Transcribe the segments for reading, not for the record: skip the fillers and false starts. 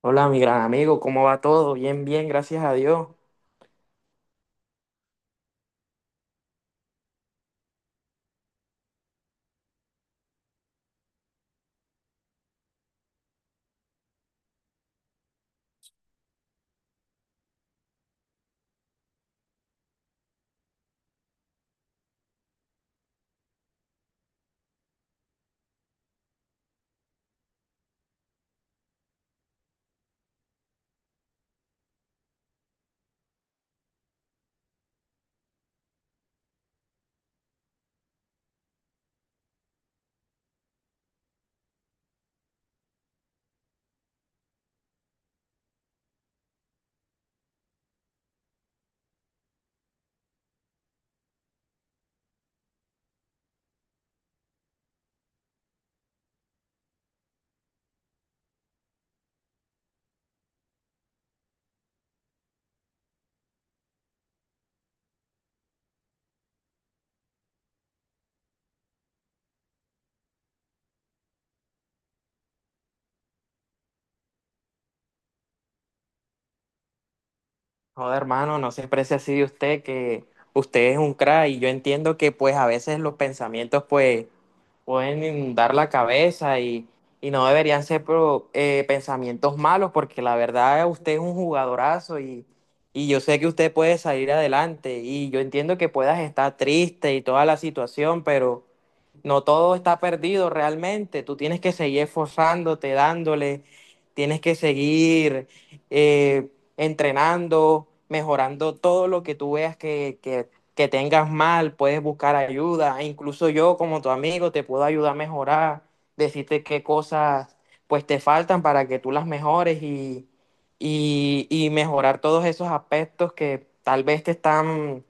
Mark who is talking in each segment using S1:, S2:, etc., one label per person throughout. S1: Hola, mi gran amigo, ¿cómo va todo? Bien, bien, gracias a Dios. Joder, hermano, no se precie así de usted, que usted es un crack y yo entiendo que pues a veces los pensamientos pues pueden inundar la cabeza y no deberían ser pensamientos malos, porque la verdad usted es un jugadorazo, y yo sé que usted puede salir adelante. Y yo entiendo que puedas estar triste y toda la situación, pero no todo está perdido realmente. Tú tienes que seguir esforzándote, dándole, tienes que seguir eh, entrenando, mejorando todo lo que tú veas que tengas mal. Puedes buscar ayuda, e incluso yo como tu amigo te puedo ayudar a mejorar, decirte qué cosas pues te faltan para que tú las mejores y mejorar todos esos aspectos que tal vez te están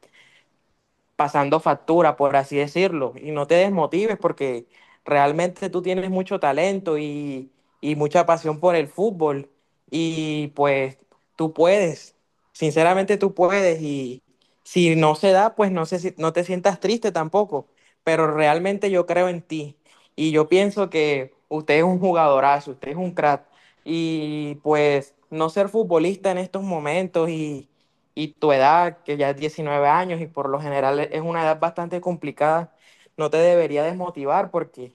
S1: pasando factura, por así decirlo. Y no te desmotives, porque realmente tú tienes mucho talento y mucha pasión por el fútbol, y pues tú puedes, sinceramente tú puedes. Y si no se da, pues no sé si- no te sientas triste tampoco, pero realmente yo creo en ti y yo pienso que usted es un jugadorazo, usted es un crack. Y pues no ser futbolista en estos momentos y tu edad, que ya es 19 años y por lo general es una edad bastante complicada, no te debería desmotivar, porque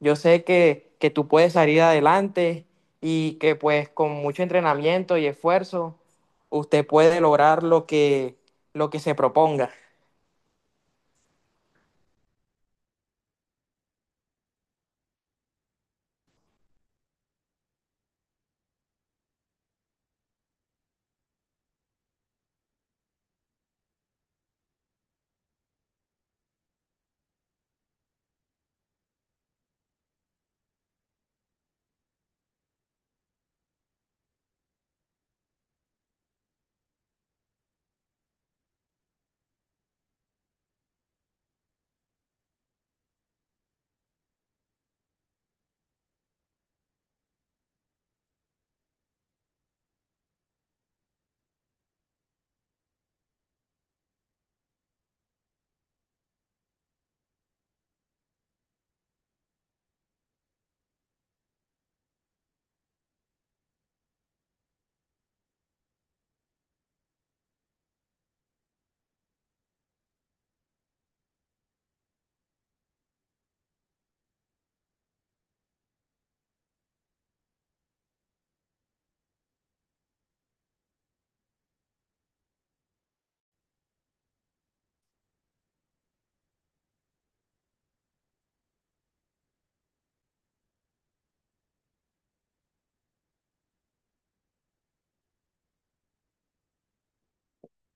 S1: yo sé que tú puedes salir adelante y que pues con mucho entrenamiento y esfuerzo usted puede lograr lo que se proponga.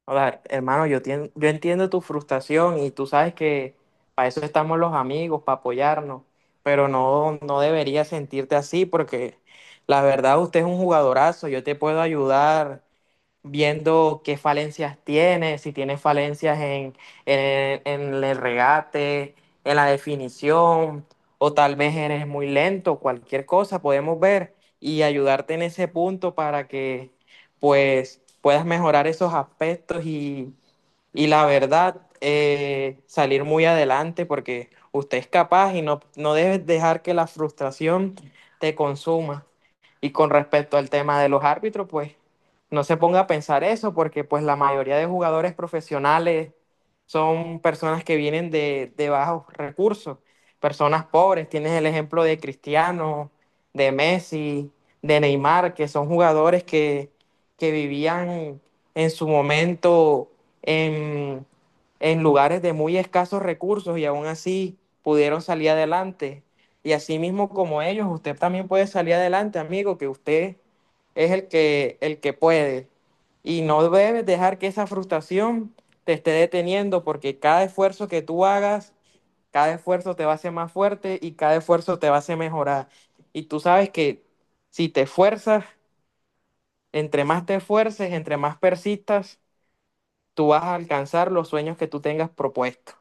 S1: O sea, hermano, yo, yo entiendo tu frustración, y tú sabes que para eso estamos los amigos, para apoyarnos, pero no deberías sentirte así, porque la verdad usted es un jugadorazo. Yo te puedo ayudar viendo qué falencias tiene, si tiene falencias en el regate, en la definición, o tal vez eres muy lento. Cualquier cosa podemos ver y ayudarte en ese punto para que pues puedas mejorar esos aspectos y la verdad, salir muy adelante porque usted es capaz, y no debes dejar que la frustración te consuma. Y con respecto al tema de los árbitros, pues no se ponga a pensar eso, porque pues la mayoría de jugadores profesionales son personas que vienen de bajos recursos, personas pobres. Tienes el ejemplo de Cristiano, de Messi, de Neymar, que son jugadores que vivían en su momento en, en lugares de muy escasos recursos, y aún así pudieron salir adelante. Y así mismo como ellos, usted también puede salir adelante, amigo, que usted es el que puede. Y no debes dejar que esa frustración te esté deteniendo, porque cada esfuerzo que tú hagas, cada esfuerzo te va a hacer más fuerte y cada esfuerzo te va a hacer mejorar. Y tú sabes que si te esfuerzas, entre más te esfuerces, entre más persistas, tú vas a alcanzar los sueños que tú tengas propuestos.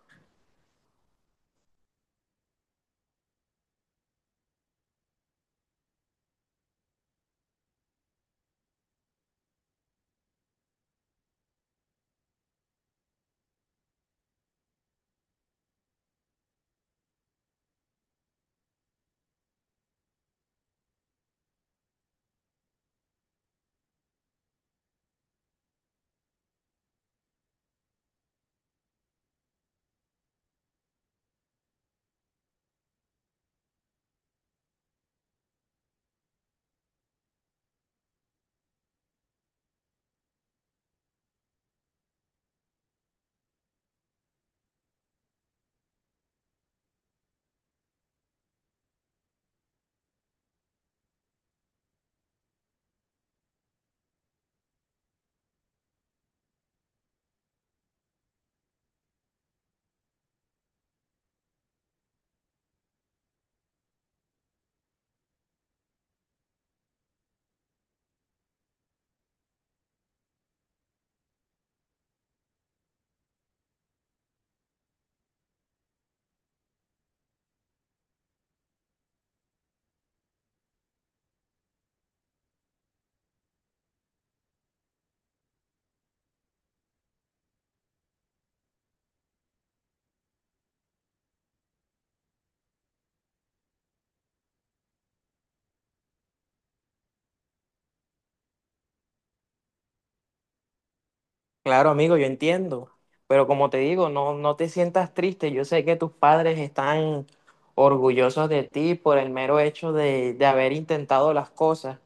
S1: Claro, amigo, yo entiendo, pero como te digo, no te sientas triste. Yo sé que tus padres están orgullosos de ti por el mero hecho de haber intentado las cosas,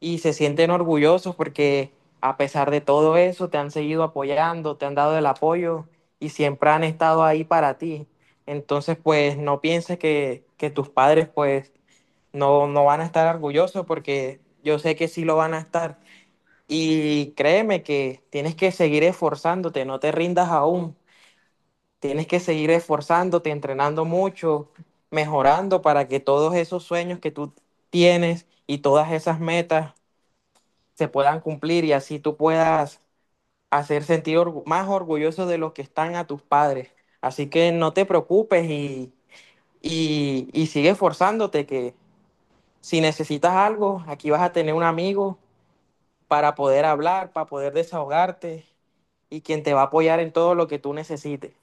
S1: y se sienten orgullosos porque a pesar de todo eso te han seguido apoyando, te han dado el apoyo y siempre han estado ahí para ti. Entonces, pues no pienses que tus padres pues no van a estar orgullosos, porque yo sé que sí lo van a estar. Y créeme que tienes que seguir esforzándote, no te rindas aún. Tienes que seguir esforzándote, entrenando mucho, mejorando, para que todos esos sueños que tú tienes y todas esas metas se puedan cumplir, y así tú puedas hacer sentir más orgulloso de los que están a tus padres. Así que no te preocupes y sigue esforzándote, que si necesitas algo, aquí vas a tener un amigo para poder hablar, para poder desahogarte, y quien te va a apoyar en todo lo que tú necesites.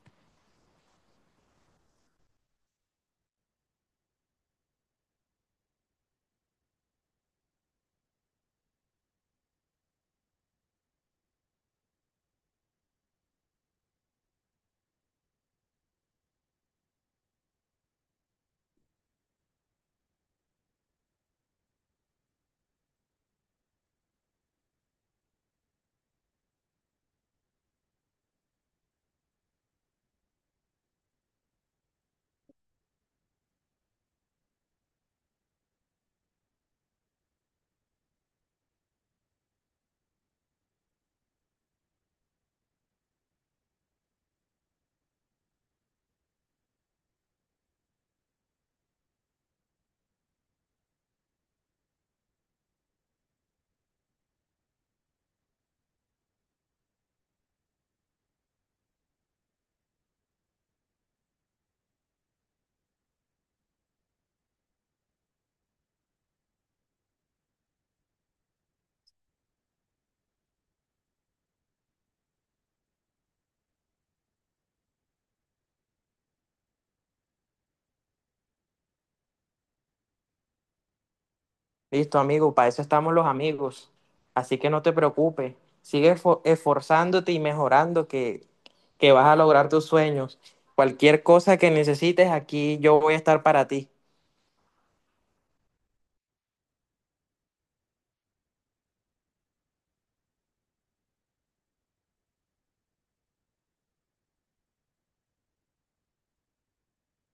S1: Listo, amigo, para eso estamos los amigos. Así que no te preocupes, sigue esforzándote y mejorando, que vas a lograr tus sueños. Cualquier cosa que necesites, aquí yo voy a estar para ti.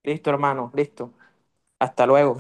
S1: Listo, hermano, listo. Hasta luego.